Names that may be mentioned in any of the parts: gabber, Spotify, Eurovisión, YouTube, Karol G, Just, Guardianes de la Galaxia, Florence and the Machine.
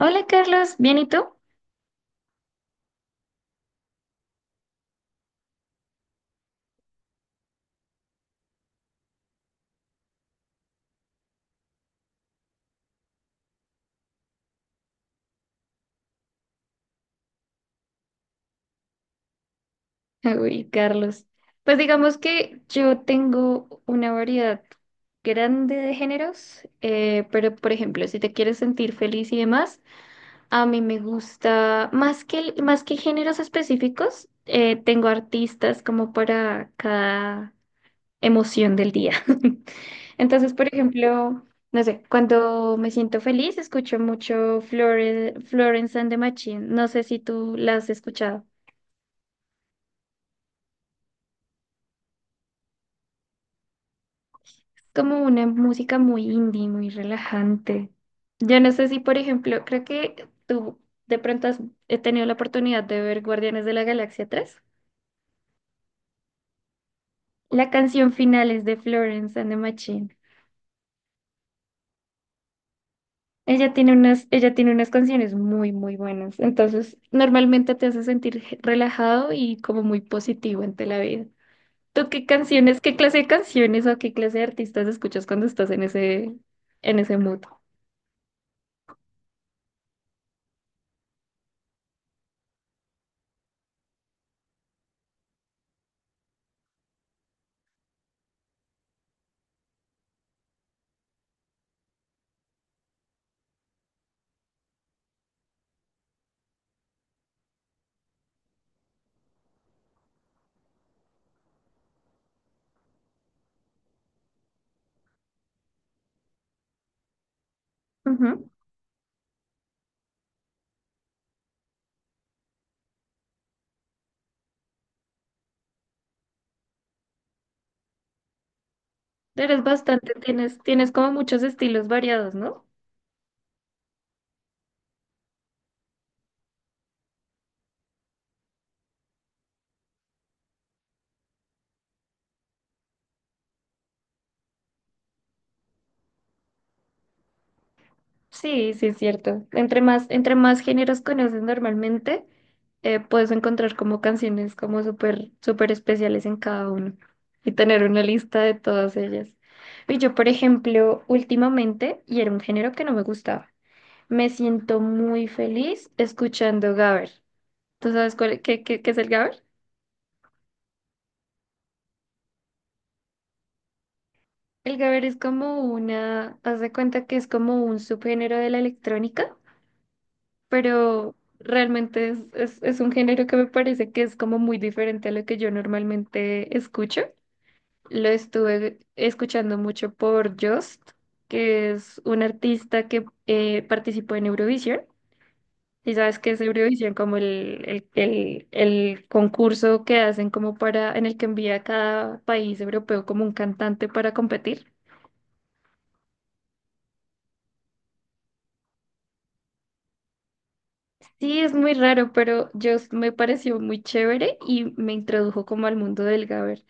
Hola Carlos, ¿bien y tú? Uy, Carlos. Pues digamos que yo tengo una variedad grande de géneros, pero por ejemplo, si te quieres sentir feliz y demás, a mí me gusta más que, más que géneros específicos, tengo artistas como para cada emoción del día. Entonces, por ejemplo, no sé, cuando me siento feliz, escucho mucho Florence and the Machine. No sé si tú la has escuchado. Como una música muy indie, muy relajante. Yo no sé si, por ejemplo, creo que tú de pronto has he tenido la oportunidad de ver Guardianes de la Galaxia 3. La canción final es de Florence and the Machine. Ella tiene unas canciones muy buenas. Entonces, normalmente te hace sentir relajado y como muy positivo ante la vida. ¿Tú qué canciones, qué clase de canciones o qué clase de artistas escuchas cuando estás en en ese mood? Eres bastante, tienes como muchos estilos variados, ¿no? Sí, sí, es cierto. Entre más géneros conoces normalmente, puedes encontrar como canciones como súper especiales en cada uno y tener una lista de todas ellas. Y yo, por ejemplo, últimamente, y era un género que no me gustaba, me siento muy feliz escuchando gabber. ¿Tú sabes qué es el gabber? El gabber es como una, haz de cuenta que es como un subgénero de la electrónica, pero realmente es un género que me parece que es como muy diferente a lo que yo normalmente escucho. Lo estuve escuchando mucho por Just, que es un artista que participó en Eurovisión. Y sabes que es Eurovisión como el concurso que hacen como para, en el que envía a cada país europeo como un cantante para competir. Sí, es muy raro, pero Just me pareció muy chévere y me introdujo como al mundo del Gaber.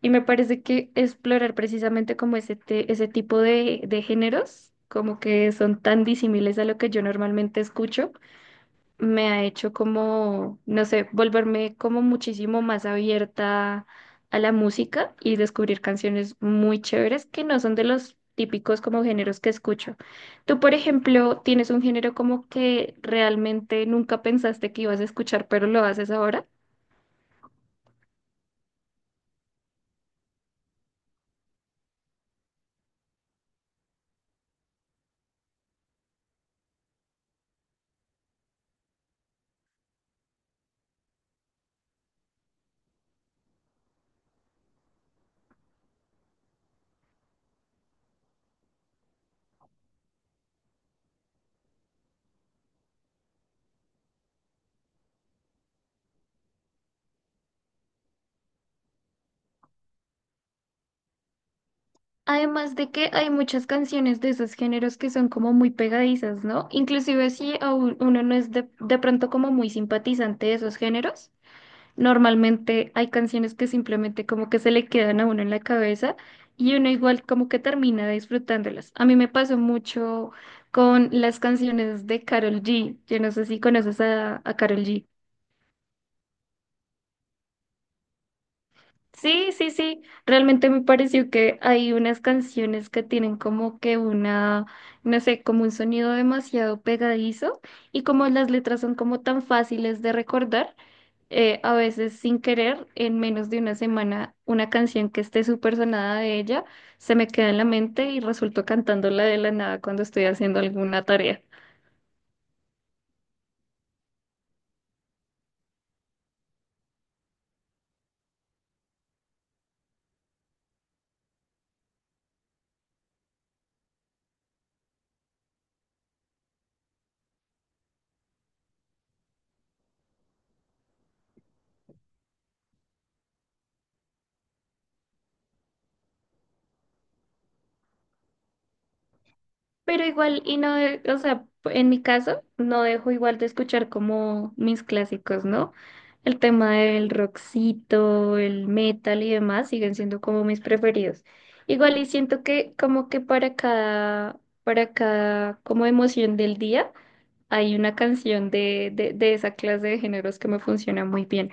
Y me parece que explorar precisamente como ese tipo de géneros, como que son tan disímiles a lo que yo normalmente escucho, me ha hecho como, no sé, volverme como muchísimo más abierta a la música y descubrir canciones muy chéveres que no son de los típicos como géneros que escucho. Tú, por ejemplo, tienes un género como que realmente nunca pensaste que ibas a escuchar, pero lo haces ahora. Además de que hay muchas canciones de esos géneros que son como muy pegadizas, ¿no? Inclusive si a uno no es de pronto como muy simpatizante de esos géneros, normalmente hay canciones que simplemente como que se le quedan a uno en la cabeza y uno igual como que termina disfrutándolas. A mí me pasó mucho con las canciones de Karol G. Yo no sé si conoces a Karol G. Sí, sí, sí. Realmente me pareció que hay unas canciones que tienen como que una, no sé, como un sonido demasiado pegadizo y como las letras son como tan fáciles de recordar, a veces sin querer, en menos de una semana, una canción que esté súper sonada de ella se me queda en la mente y resulto cantándola de la nada cuando estoy haciendo alguna tarea. Pero igual, y no, o sea, en mi caso, no dejo igual de escuchar como mis clásicos, ¿no? El tema del rockcito, el metal y demás siguen siendo como mis preferidos. Igual y siento que como que para cada como emoción del día hay una canción de esa clase de géneros que me funciona muy bien.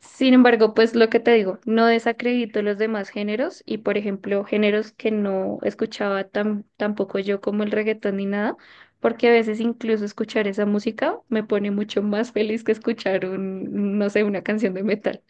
Sin embargo, pues lo que te digo, no desacredito los demás géneros y, por ejemplo, géneros que no escuchaba tampoco yo como el reggaetón ni nada, porque a veces incluso escuchar esa música me pone mucho más feliz que escuchar un, no sé, una canción de metal.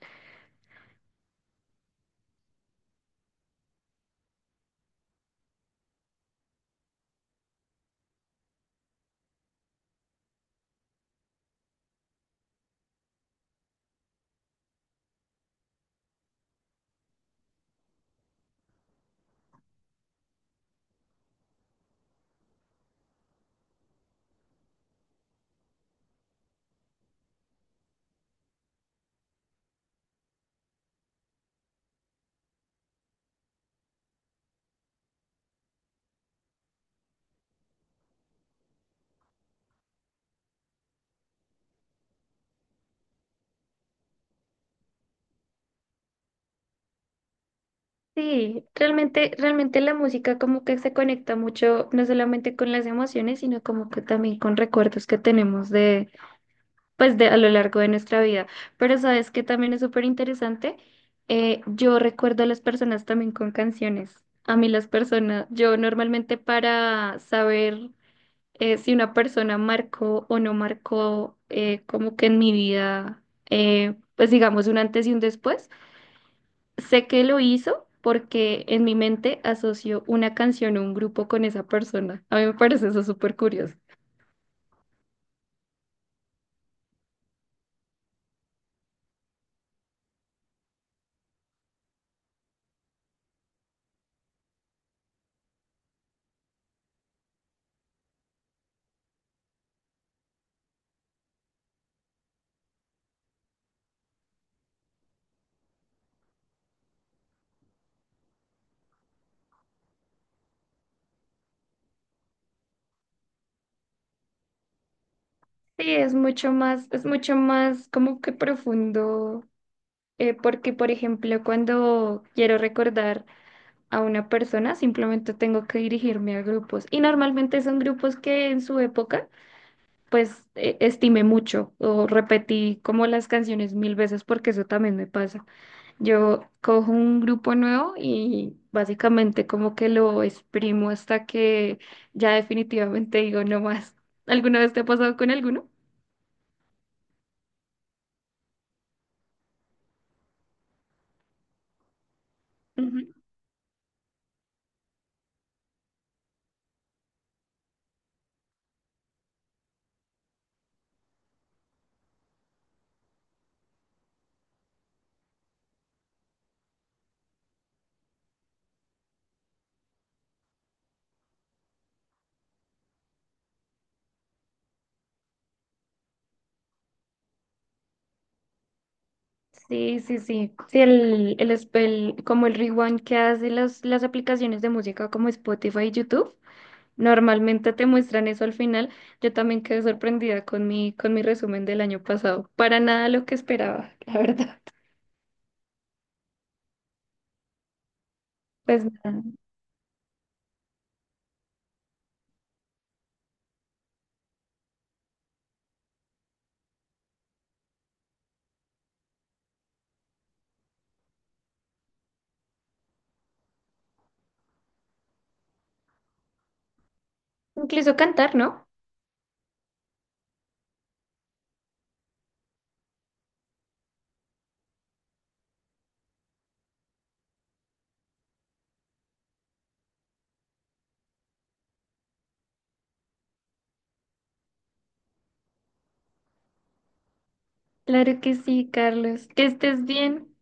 Sí, realmente la música como que se conecta mucho, no solamente con las emociones, sino como que también con recuerdos que tenemos de a lo largo de nuestra vida. Pero sabes que también es súper interesante. Yo recuerdo a las personas también con canciones. A mí las personas, yo normalmente para saber si una persona marcó o no marcó como que en mi vida, pues digamos un antes y un después, sé que lo hizo, porque en mi mente asocio una canción o un grupo con esa persona. A mí me parece eso súper curioso. Sí, es mucho más como que profundo, porque, por ejemplo, cuando quiero recordar a una persona, simplemente tengo que dirigirme a grupos. Y normalmente son grupos que en su época, estimé mucho o repetí como las canciones 1.000 veces, porque eso también me pasa. Yo cojo un grupo nuevo y básicamente como que lo exprimo hasta que ya definitivamente digo no más. ¿Alguna vez te ha pasado con alguno? Sí, sí, sí. Sí, como el rewind que hace las aplicaciones de música como Spotify y YouTube, normalmente te muestran eso al final. Yo también quedé sorprendida con con mi resumen del año pasado. Para nada lo que esperaba, la verdad. Pues nada. Incluso cantar, ¿no? Claro que sí, Carlos. Que estés bien.